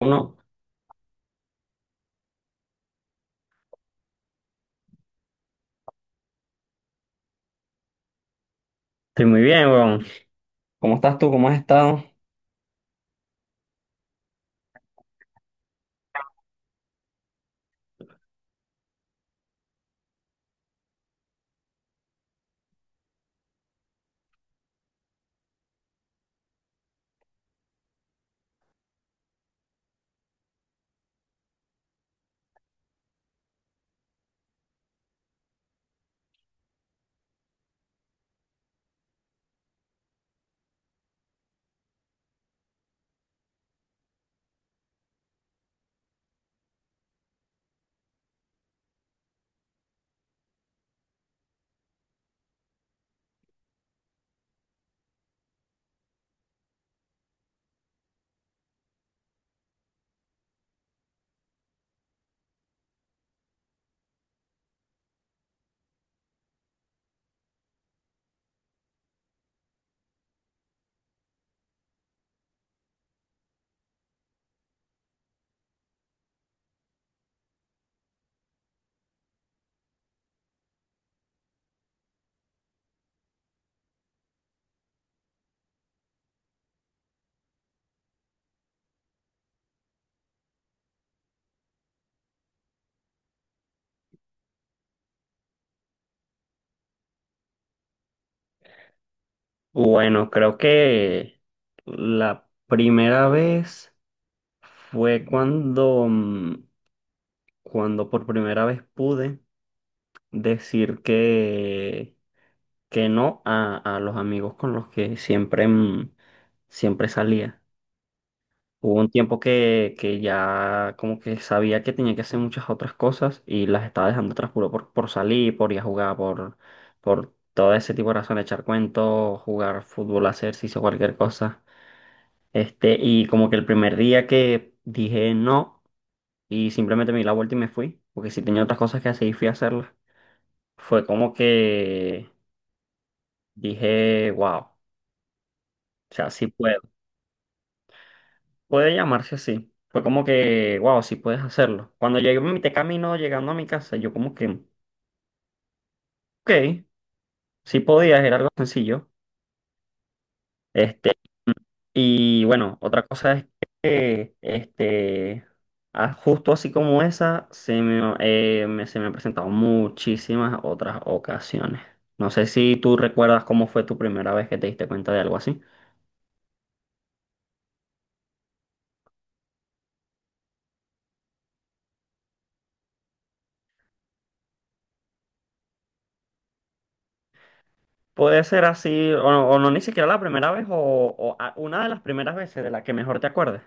Uno, estoy muy bien, weón. ¿Cómo estás tú? ¿Cómo has estado? Bueno, creo que la primera vez fue cuando, cuando por primera vez pude decir que no a, a los amigos con los que siempre, siempre salía. Hubo un tiempo que ya como que sabía que tenía que hacer muchas otras cosas y las estaba dejando atrás puro por salir, por ir a jugar, por todo ese tipo de razones, echar cuentos, jugar fútbol, hacer ejercicio, cualquier cosa. Este, y como que el primer día que dije no y simplemente me di la vuelta y me fui, porque si tenía otras cosas que hacer y fui a hacerlas, fue como que dije, wow, o sea, sí puedo. Puede llamarse así. Fue como que, wow, sí puedes hacerlo. Cuando llegué en mi camino llegando a mi casa, yo como que, ok, sí podías, era algo sencillo. Este, y bueno, otra cosa es que, este, ah, justo así como esa, se me, se me han presentado muchísimas otras ocasiones. No sé si tú recuerdas cómo fue tu primera vez que te diste cuenta de algo así. Puede ser así, o no, ni siquiera la primera vez, o una de las primeras veces de la que mejor te acuerdes.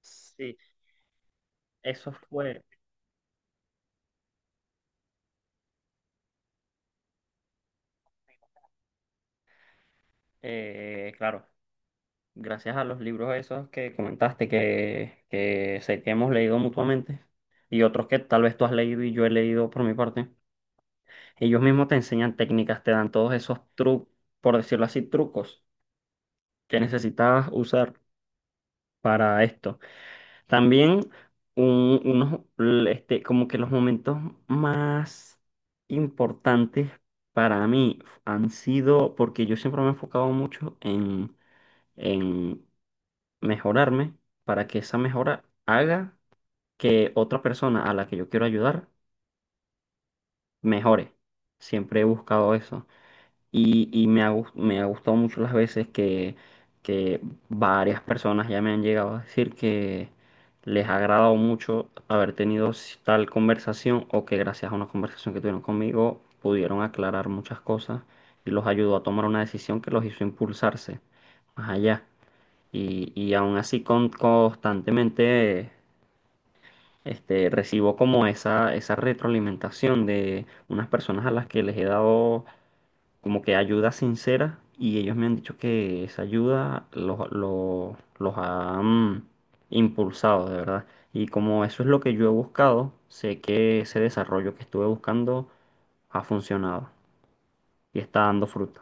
Sí. Eso fue, claro, gracias a los libros esos que comentaste, que sé que hemos leído mutuamente, y otros que tal vez tú has leído y yo he leído por mi parte, ellos mismos te enseñan técnicas, te dan todos esos trucos, por decirlo así, trucos que necesitabas usar para esto. También unos, este, como que los momentos más importantes para mí han sido, porque yo siempre me he enfocado mucho en mejorarme para que esa mejora haga que otra persona a la que yo quiero ayudar mejore. Siempre he buscado eso. Y me ha, me ha gustado mucho las veces que varias personas ya me han llegado a decir que les ha agradado mucho haber tenido tal conversación o que gracias a una conversación que tuvieron conmigo pudieron aclarar muchas cosas y los ayudó a tomar una decisión que los hizo impulsarse más allá. Y aún así con, constantemente este, recibo como esa retroalimentación de unas personas a las que les he dado como que ayuda sincera y ellos me han dicho que esa ayuda los ha impulsado, de verdad. Y como eso es lo que yo he buscado, sé que ese desarrollo que estuve buscando ha funcionado y está dando fruto.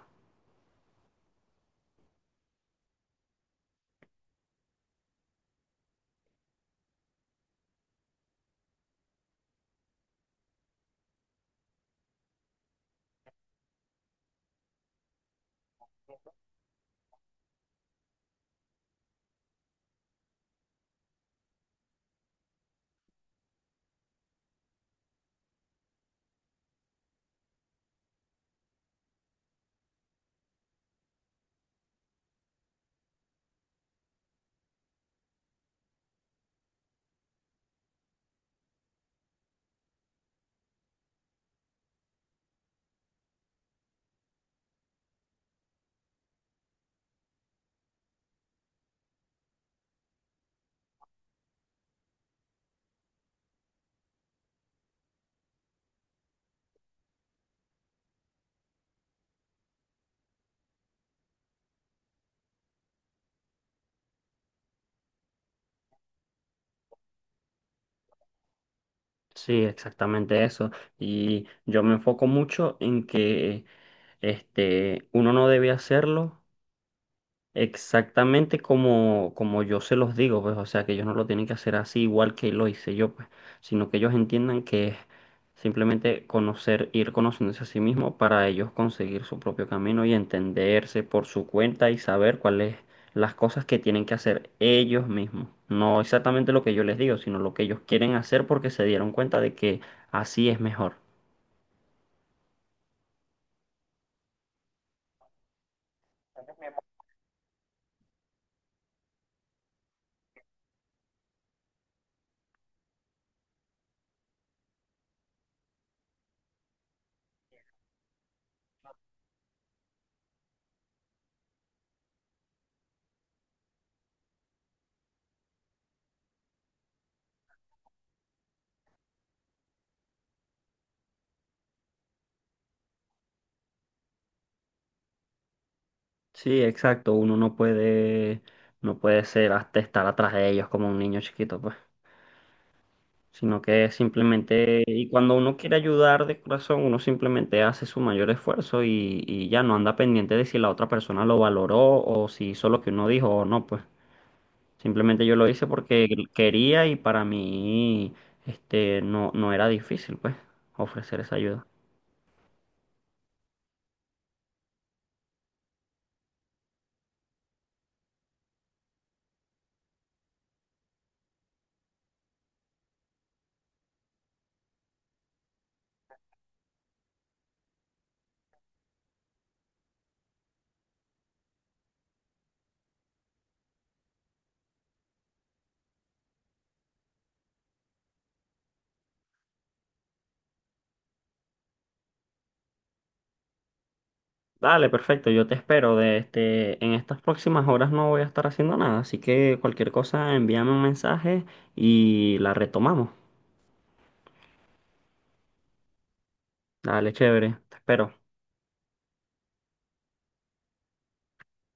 Sí, exactamente eso. Y yo me enfoco mucho en que este, uno no debe hacerlo exactamente como, como yo se los digo, pues, o sea, que ellos no lo tienen que hacer así igual que lo hice yo, pues, sino que ellos entiendan que es simplemente conocer, ir conociéndose a sí mismo para ellos conseguir su propio camino y entenderse por su cuenta y saber cuáles las cosas que tienen que hacer ellos mismos. No exactamente lo que yo les digo, sino lo que ellos quieren hacer porque se dieron cuenta de que así es mejor. Sí, exacto, uno no puede, no puede ser hasta estar atrás de ellos como un niño chiquito, pues. Sino que simplemente, y cuando uno quiere ayudar de corazón, uno simplemente hace su mayor esfuerzo y ya no anda pendiente de si la otra persona lo valoró o si hizo lo que uno dijo o no, pues simplemente yo lo hice porque quería y para mí este, no, no era difícil, pues, ofrecer esa ayuda. Dale, perfecto, yo te espero. De este, en estas próximas horas no voy a estar haciendo nada, así que cualquier cosa envíame un mensaje y la retomamos. Dale, chévere, te espero.